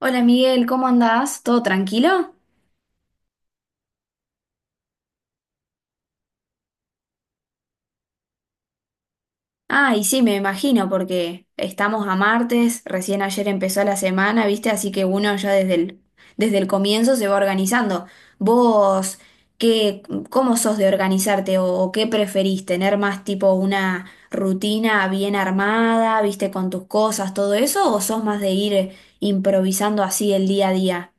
Hola Miguel, ¿cómo andás? ¿Todo tranquilo? Ah, y sí, me imagino, porque estamos a martes, recién ayer empezó la semana, ¿viste? Así que uno ya desde el comienzo se va organizando. ¿Vos qué, cómo sos de organizarte o qué preferís? ¿Tener más tipo una rutina bien armada, viste, con tus cosas, todo eso? ¿O sos más de ir improvisando así el día a día?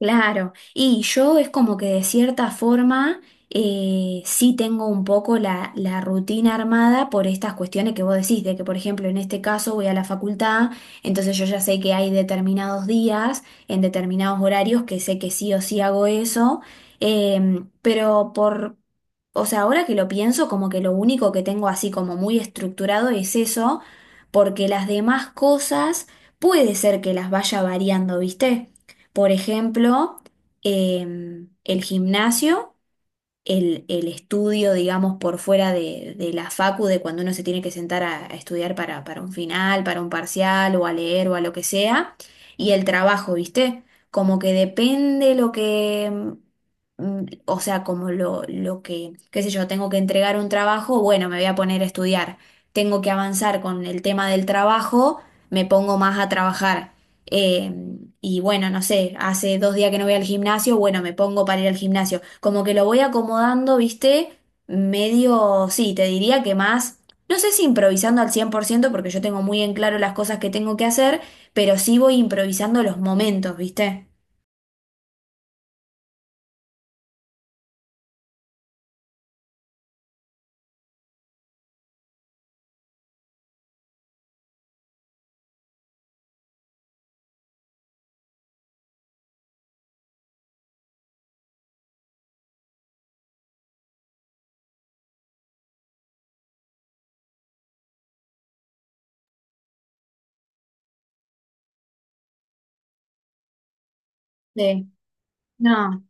Claro, y yo es como que de cierta forma sí tengo un poco la rutina armada por estas cuestiones que vos decís, de que por ejemplo en este caso voy a la facultad, entonces yo ya sé que hay determinados días, en determinados horarios, que sé que sí o sí hago eso, pero o sea, ahora que lo pienso, como que lo único que tengo así como muy estructurado es eso, porque las demás cosas puede ser que las vaya variando, ¿viste? Por ejemplo, el gimnasio, el estudio, digamos, por fuera de la facu, de cuando uno se tiene que sentar a estudiar para un final, para un parcial, o a leer, o a lo que sea, y el trabajo, ¿viste? Como que depende lo que, mm, mm, o sea, como lo que, qué sé yo, tengo que entregar un trabajo, bueno, me voy a poner a estudiar. Tengo que avanzar con el tema del trabajo, me pongo más a trabajar. Eh, y bueno, no sé, hace dos días que no voy al gimnasio, bueno, me pongo para ir al gimnasio. Como que lo voy acomodando, ¿viste? Medio, sí, te diría que más, no sé si improvisando al 100% porque yo tengo muy en claro las cosas que tengo que hacer, pero sí voy improvisando los momentos, ¿viste? Sí. No.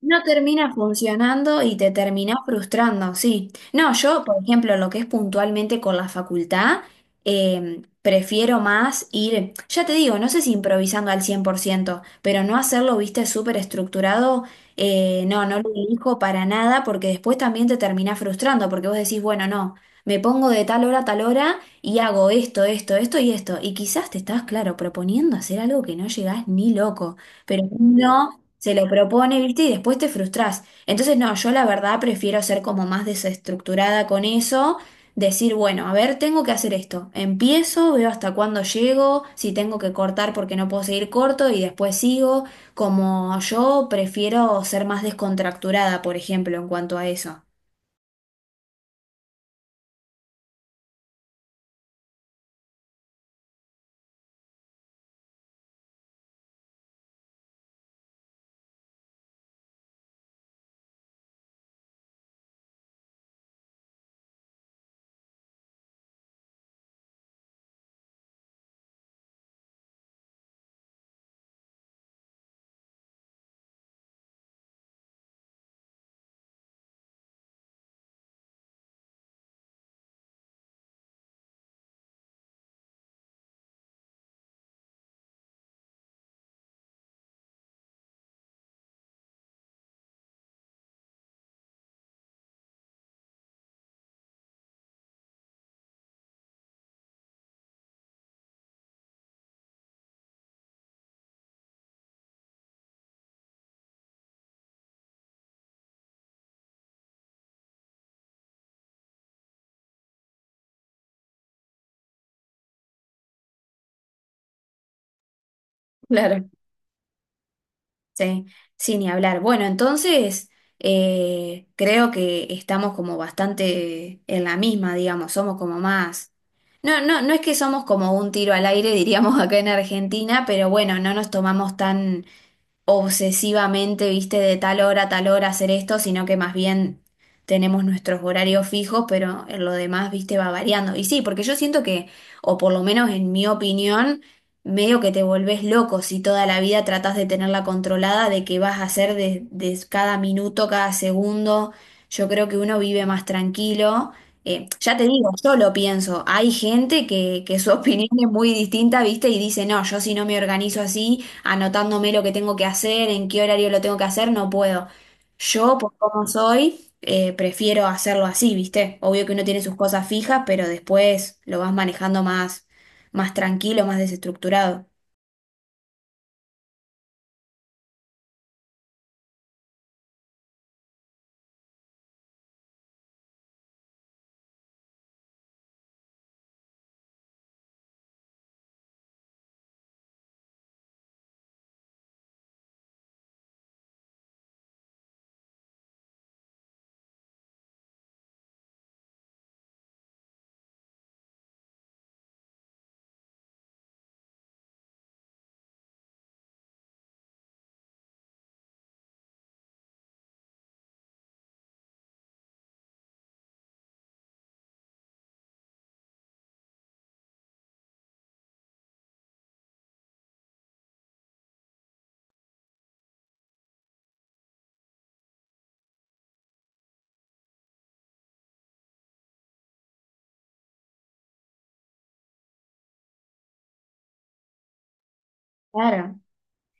No termina funcionando y te terminás frustrando, sí. No, yo, por ejemplo, lo que es puntualmente con la facultad, prefiero más ir, ya te digo, no sé si improvisando al 100% pero no hacerlo, viste, súper estructurado, no lo elijo para nada porque después también te terminás frustrando porque vos decís, bueno, no, me pongo de tal hora a tal hora y hago esto, esto, esto y esto. Y quizás te estás, claro, proponiendo hacer algo que no llegás ni loco. Pero no se lo propone, ¿viste? Y después te frustrás. Entonces, no, yo la verdad prefiero ser como más desestructurada con eso, decir, bueno, a ver, tengo que hacer esto. Empiezo, veo hasta cuándo llego, si tengo que cortar porque no puedo seguir corto y después sigo. Como yo prefiero ser más descontracturada, por ejemplo, en cuanto a eso. Claro. Sí, sin ni hablar. Bueno, entonces creo que estamos como bastante en la misma, digamos, somos como más. No, no, no es que somos como un tiro al aire, diríamos acá en Argentina, pero bueno, no nos tomamos tan obsesivamente, viste, de tal hora a tal hora hacer esto, sino que más bien tenemos nuestros horarios fijos, pero en lo demás, viste, va variando. Y sí, porque yo siento que, o por lo menos en mi opinión, medio que te volvés loco si toda la vida tratás de tenerla controlada, de qué vas a hacer de cada minuto, cada segundo. Yo creo que uno vive más tranquilo. Ya te digo, yo lo pienso. Hay gente que su opinión es muy distinta, ¿viste? Y dice, no, yo si no me organizo así, anotándome lo que tengo que hacer, en qué horario lo tengo que hacer, no puedo. Yo, por cómo soy, prefiero hacerlo así, ¿viste? Obvio que uno tiene sus cosas fijas, pero después lo vas manejando más, más tranquilo, más desestructurado. Claro.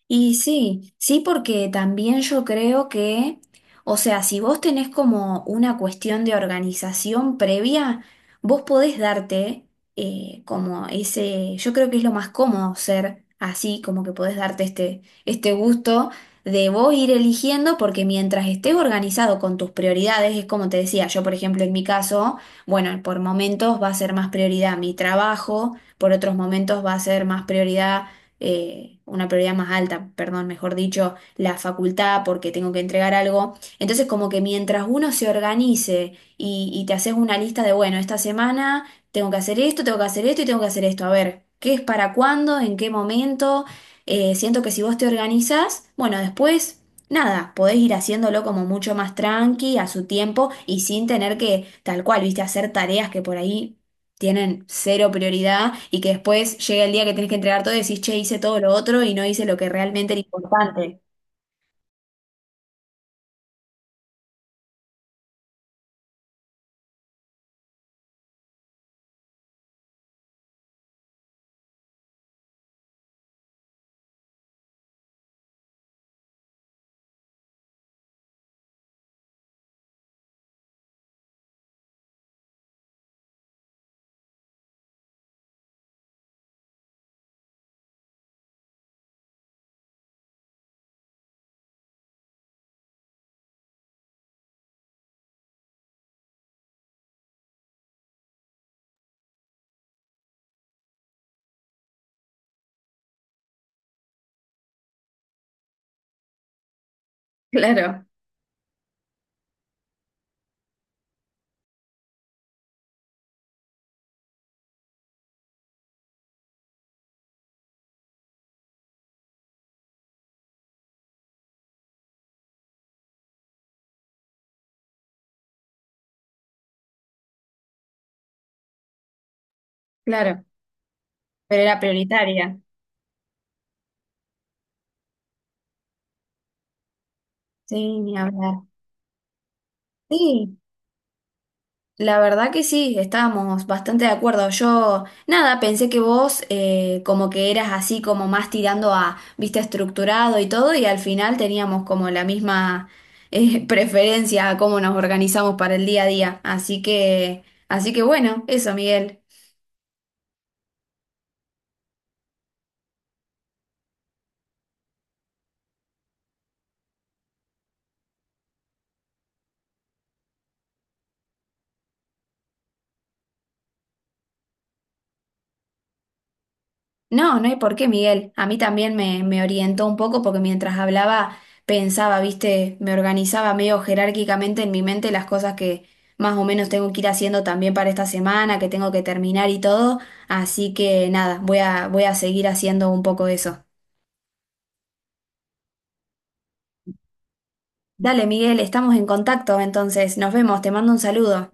Y sí, sí, porque también yo creo que, o sea, si vos tenés como una cuestión de organización previa, vos podés darte como ese, yo creo que es lo más cómodo ser así, como que podés darte este gusto de vos ir eligiendo, porque mientras estés organizado con tus prioridades, es como te decía, yo por ejemplo en mi caso, bueno, por momentos va a ser más prioridad mi trabajo, por otros momentos va a ser más prioridad una prioridad más alta, perdón, mejor dicho, la facultad porque tengo que entregar algo. Entonces, como que mientras uno se organice y te haces una lista de, bueno, esta semana tengo que hacer esto, tengo que hacer esto y tengo que hacer esto, a ver, ¿qué es para cuándo? ¿En qué momento? Siento que si vos te organizás, bueno, después... Nada, podés ir haciéndolo como mucho más tranqui, a su tiempo y sin tener que, tal cual, viste, hacer tareas que por ahí tienen cero prioridad y que después llega el día que tienes que entregar todo y decís, che, hice todo lo otro y no hice lo que realmente era importante. Claro, claro, pero era prioritaria. Sí, ni hablar. Sí, la verdad que sí, estábamos bastante de acuerdo. Yo, nada, pensé que vos como que eras así como más tirando a, viste, estructurado y todo y al final teníamos como la misma preferencia a cómo nos organizamos para el día a día. Así que bueno, eso, Miguel. No, no hay por qué, Miguel. A mí también me orientó un poco porque mientras hablaba pensaba, viste, me organizaba medio jerárquicamente en mi mente las cosas que más o menos tengo que ir haciendo también para esta semana, que tengo que terminar y todo. Así que nada, voy a seguir haciendo un poco eso. Dale, Miguel, estamos en contacto, entonces nos vemos, te mando un saludo.